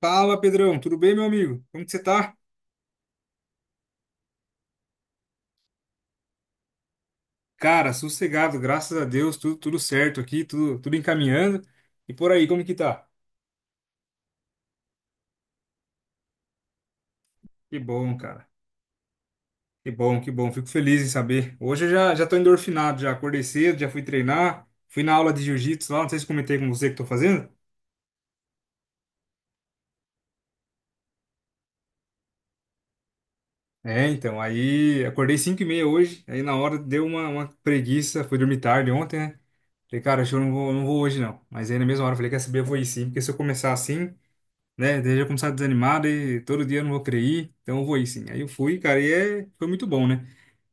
Fala, Pedrão, tudo bem, meu amigo? Como que você tá? Cara, sossegado, graças a Deus, tudo certo aqui, tudo encaminhando. E por aí, como que tá? Que bom, cara. Que bom, que bom. Fico feliz em saber. Hoje eu já tô endorfinado, já acordei cedo, já fui treinar, fui na aula de jiu-jitsu lá, não sei se comentei com você que tô fazendo. É, então, aí acordei 5:30 hoje, aí na hora deu uma preguiça, fui dormir tarde ontem, né? Falei, cara, acho que eu não vou, não vou hoje não. Mas aí na mesma hora eu falei, quer saber, eu vou ir sim, porque se eu começar assim. Né? Daí já começar desanimado e todo dia eu não vou querer ir, então eu vou ir sim. Aí eu fui, cara, e é, foi muito bom, né?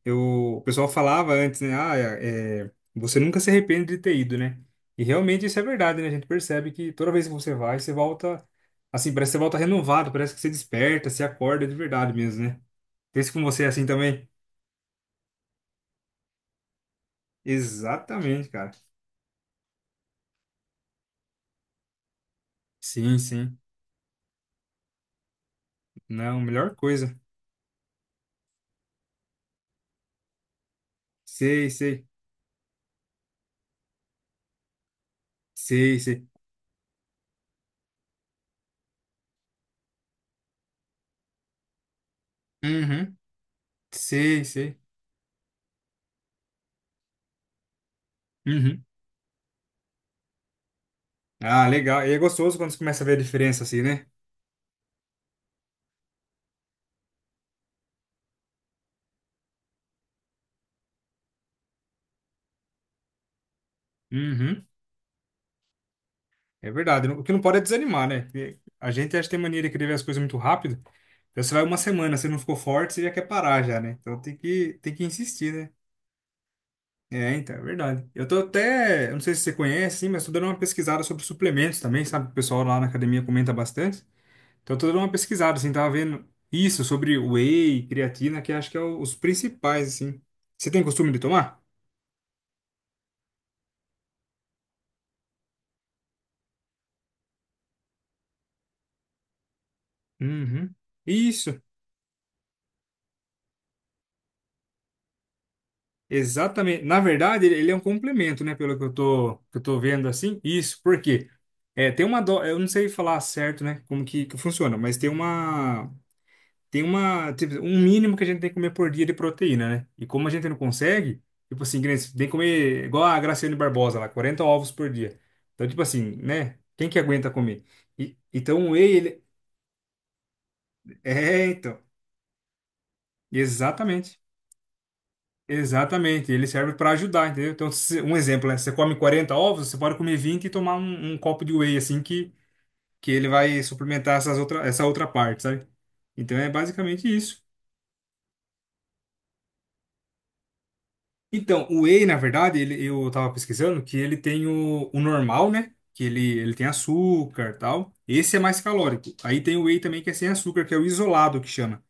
Eu, o pessoal falava antes, né? Ah, você nunca se arrepende de ter ido, né? E realmente isso é verdade, né? A gente percebe que toda vez que você vai, você volta, assim, parece que você volta renovado, parece que você desperta, se acorda de verdade mesmo, né? Pense com você é assim também. Exatamente, cara. Sim, sim. Não, melhor coisa. Sei, sei. Sei, sei. Uhum. Sei, sei. Uhum. Ah, legal. E é gostoso quando você começa a ver a diferença, assim, né? Uhum. É verdade. O que não pode é desanimar, né? Porque a gente acha que tem mania de querer ver as coisas muito rápido. Então você vai uma semana, você não ficou forte, você já quer parar já, né? Então tem que insistir, né? É, então, é verdade. Eu tô até, eu não sei se você conhece, sim, mas tô dando uma pesquisada sobre suplementos também, sabe? O pessoal lá na academia comenta bastante. Então eu tô dando uma pesquisada, assim, tava vendo isso sobre whey, creatina, que acho que os principais, assim. Você tem costume de tomar? Uhum. Isso. Exatamente. Na verdade, ele é um complemento, né? Pelo que que eu tô vendo assim. Isso, por quê? É, tem uma do. Eu não sei falar certo, né? Como que funciona, mas tem uma. Tem uma. Tipo, um mínimo que a gente tem que comer por dia de proteína, né? E como a gente não consegue, tipo assim, que nem tem que comer igual a Graciane Barbosa lá, 40 ovos por dia. Então, tipo assim, né? Quem que aguenta comer? E, então o whey, ele. É, então. Exatamente. Exatamente, ele serve para ajudar, entendeu? Então, se- um exemplo, né? Você come 40 ovos, você pode comer 20 e tomar um copo de whey, assim, que ele vai suplementar essa outra parte, sabe? Então, é basicamente isso. Então, o whey, na verdade, ele, eu tava pesquisando que ele tem o normal, né? Que ele tem açúcar e tal. Esse é mais calórico. Aí tem o whey também que é sem açúcar, que é o isolado, que chama.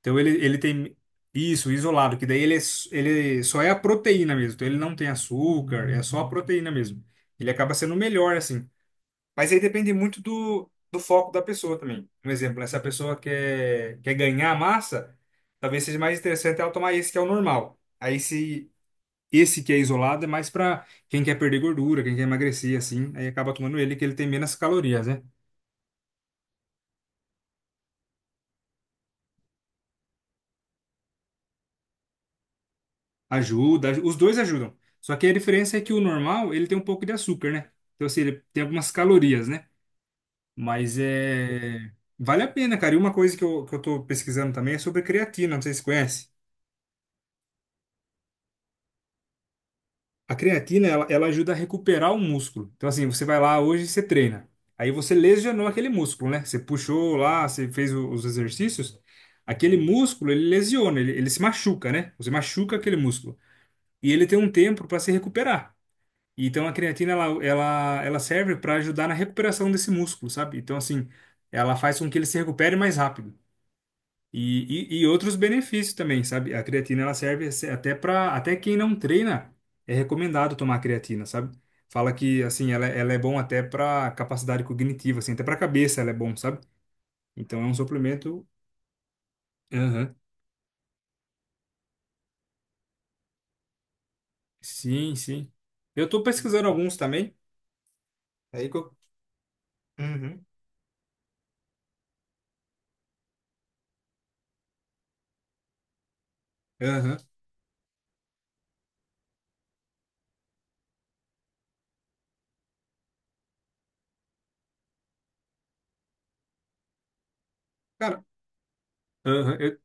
Então ele tem isso, isolado, que daí ele, ele só é a proteína mesmo. Então ele não tem açúcar, é só a proteína mesmo. Ele acaba sendo melhor, assim. Mas aí depende muito do foco da pessoa também. Um exemplo, né? Se a pessoa quer, quer ganhar massa, talvez seja mais interessante ela tomar esse que é o normal. Aí se esse que é isolado é mais para quem quer perder gordura, quem quer emagrecer, assim. Aí acaba tomando ele que ele tem menos calorias, né? Ajuda, os dois ajudam. Só que a diferença é que o normal, ele tem um pouco de açúcar, né? Então, assim, ele tem algumas calorias, né? Mas é. Vale a pena, cara. E uma coisa que eu tô pesquisando também é sobre creatina, não sei se você conhece. A creatina, ela ajuda a recuperar o músculo. Então, assim, você vai lá hoje e você treina. Aí você lesionou aquele músculo, né? Você puxou lá, você fez os exercícios. Aquele músculo, ele lesiona, ele se machuca, né? Você machuca aquele músculo. E ele tem um tempo para se recuperar. Então a creatina ela serve para ajudar na recuperação desse músculo, sabe? Então assim, ela faz com que ele se recupere mais rápido. E outros benefícios também, sabe? A creatina ela serve até para até quem não treina é recomendado tomar creatina, sabe? Fala que assim ela é bom até para capacidade cognitiva, assim, até para cabeça ela é bom, sabe? Então é um suplemento. Aham. Sim, sim. Eu tô pesquisando alguns também. Aí que eu. Uhum. Aham. Cara, aham,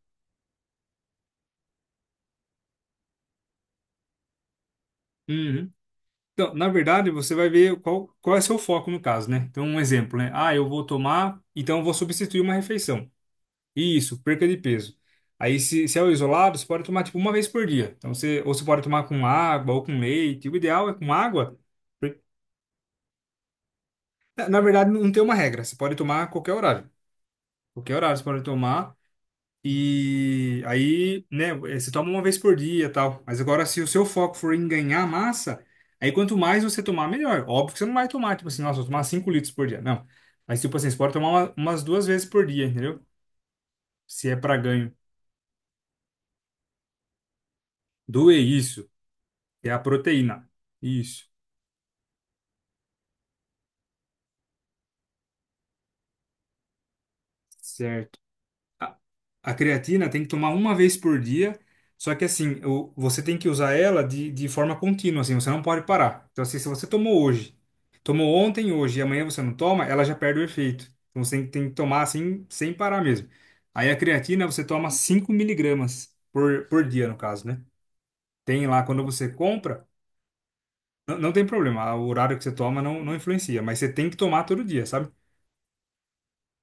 uhum. Então, na verdade, você vai ver qual é seu foco no caso, né? Então, um exemplo, né? Ah, eu vou tomar, então eu vou substituir uma refeição. Isso, perca de peso. Aí, se é o isolado, você pode tomar tipo uma vez por dia. Então, você, ou você pode tomar com água ou com leite. O ideal é com água. Porque- Na verdade, não tem uma regra. Você pode tomar a qualquer horário. Qualquer horário você pode tomar. E aí, né, eh, você toma uma vez por dia, e tal. Mas agora, se o seu foco for em ganhar massa, aí quanto mais você tomar, melhor. Óbvio que você não vai tomar, tipo assim, nossa, eu vou tomar 5 litros por dia. Não. Mas, tipo assim, você pode tomar umas duas vezes por dia, entendeu? Se é para ganho. Do é isso. É a proteína. Isso. Certo. A creatina tem que tomar uma vez por dia, só que assim, você tem que usar ela de forma contínua, assim, você não pode parar. Então, assim, se você tomou hoje, tomou ontem, hoje e amanhã você não toma, ela já perde o efeito. Então, você tem que tomar assim, sem parar mesmo. Aí a creatina você toma 5 mg por dia, no caso, né? Tem lá quando você compra, não, não tem problema, o horário que você toma não influencia, mas você tem que tomar todo dia, sabe?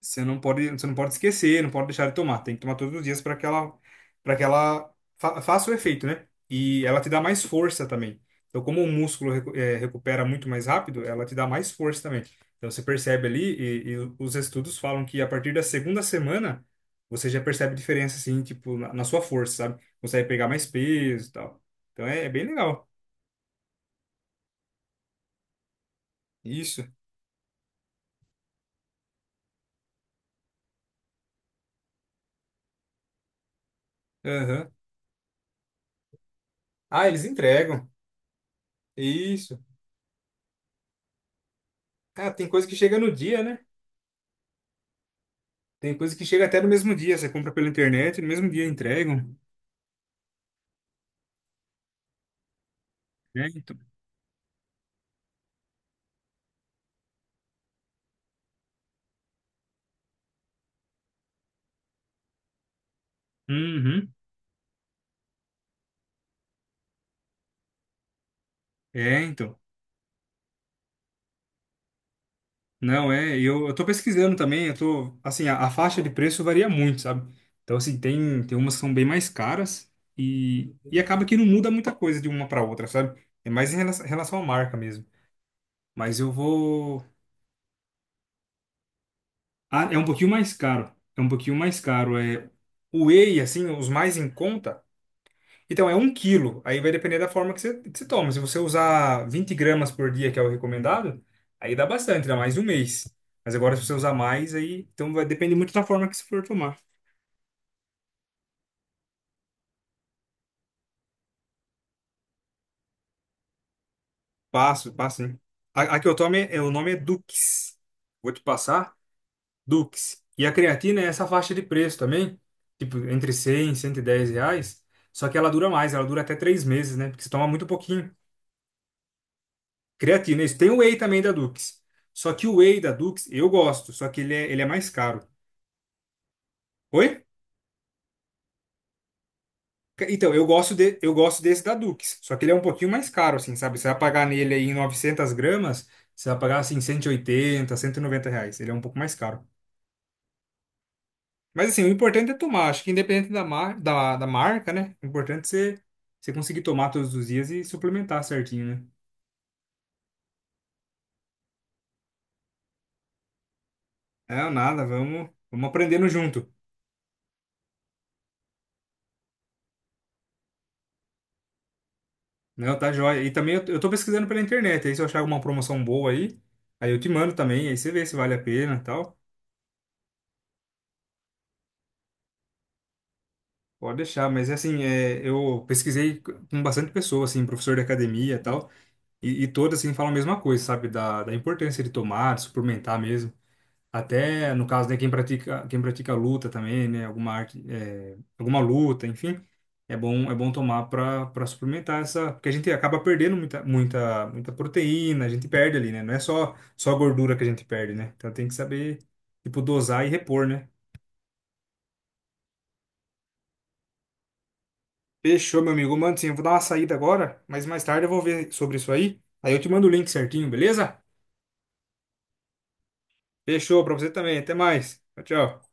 Você não pode esquecer, não pode deixar de tomar. Tem que tomar todos os dias para que ela, faça o efeito, né? E ela te dá mais força também. Então, como o músculo recupera muito mais rápido, ela te dá mais força também. Então, você percebe ali, e os estudos falam que a partir da segunda semana, você já percebe diferença, assim, tipo, na sua força, sabe? Consegue pegar mais peso e tal. Então, é, é bem legal. Isso. Aham. Ah, eles entregam. Isso. Ah, tem coisa que chega no dia, né? Tem coisa que chega até no mesmo dia, você compra pela internet, no mesmo dia entregam. É, então. Uhum. É, então. Não, é, e eu tô pesquisando também, eu tô, assim, a faixa de preço varia muito, sabe? Então, assim, tem umas que são bem mais caras e acaba que não muda muita coisa de uma para outra, sabe? É mais em relação, relação à marca mesmo. Mas eu vou. Ah, é um pouquinho mais caro. É um pouquinho mais caro. É, o whey, assim, os mais em conta. Então, é um quilo. Aí vai depender da forma que você toma. Se você usar 20 g por dia, que é o recomendado, aí dá bastante, dá mais de um mês. Mas agora, se você usar mais, aí. Então, vai depender muito da forma que você for tomar. Passo, passo, né? A que eu tomo, é, é- o nome é Dux. Vou te passar. Dux. E a creatina é essa faixa de preço também. Tipo, entre 100 e R$ 110. Só que ela dura mais, ela dura até 3 meses, né? Porque você toma muito pouquinho. Creatina, isso. Tem o whey também da Dux. Só que o whey da Dux eu gosto, só que ele é mais caro. Oi? Então, eu gosto desse da Dux, só que ele é um pouquinho mais caro, assim, sabe? Você vai pagar nele aí em 900 gramas, você vai pagar, assim, 180, R$ 190. Ele é um pouco mais caro. Mas, assim, o importante é tomar. Acho que independente da, da marca, né? O importante é você, você conseguir tomar todos os dias e suplementar certinho, né? É, nada, vamos aprendendo junto. Não, tá joia. E também eu tô pesquisando pela internet, aí se eu achar alguma promoção boa aí, aí eu te mando também, aí você vê se vale a pena e tal. Pode deixar, mas assim, é, eu pesquisei com bastante pessoa, assim, professor de academia e tal, e todas, assim, falam a mesma coisa, sabe? Da importância de tomar, de suplementar mesmo. Até no caso de quem pratica luta também, né? Alguma arte, é, alguma luta, enfim, é bom tomar para suplementar essa, porque a gente acaba perdendo muita, muita, muita proteína, a gente perde ali, né? Não é só a gordura que a gente perde, né? Então tem que saber tipo dosar e repor, né? Fechou, meu amigo. Mano, sim, eu vou dar uma saída agora, mas mais tarde eu vou ver sobre isso aí. Aí eu te mando o link certinho, beleza? Fechou para você também. Até mais. Tchau, tchau.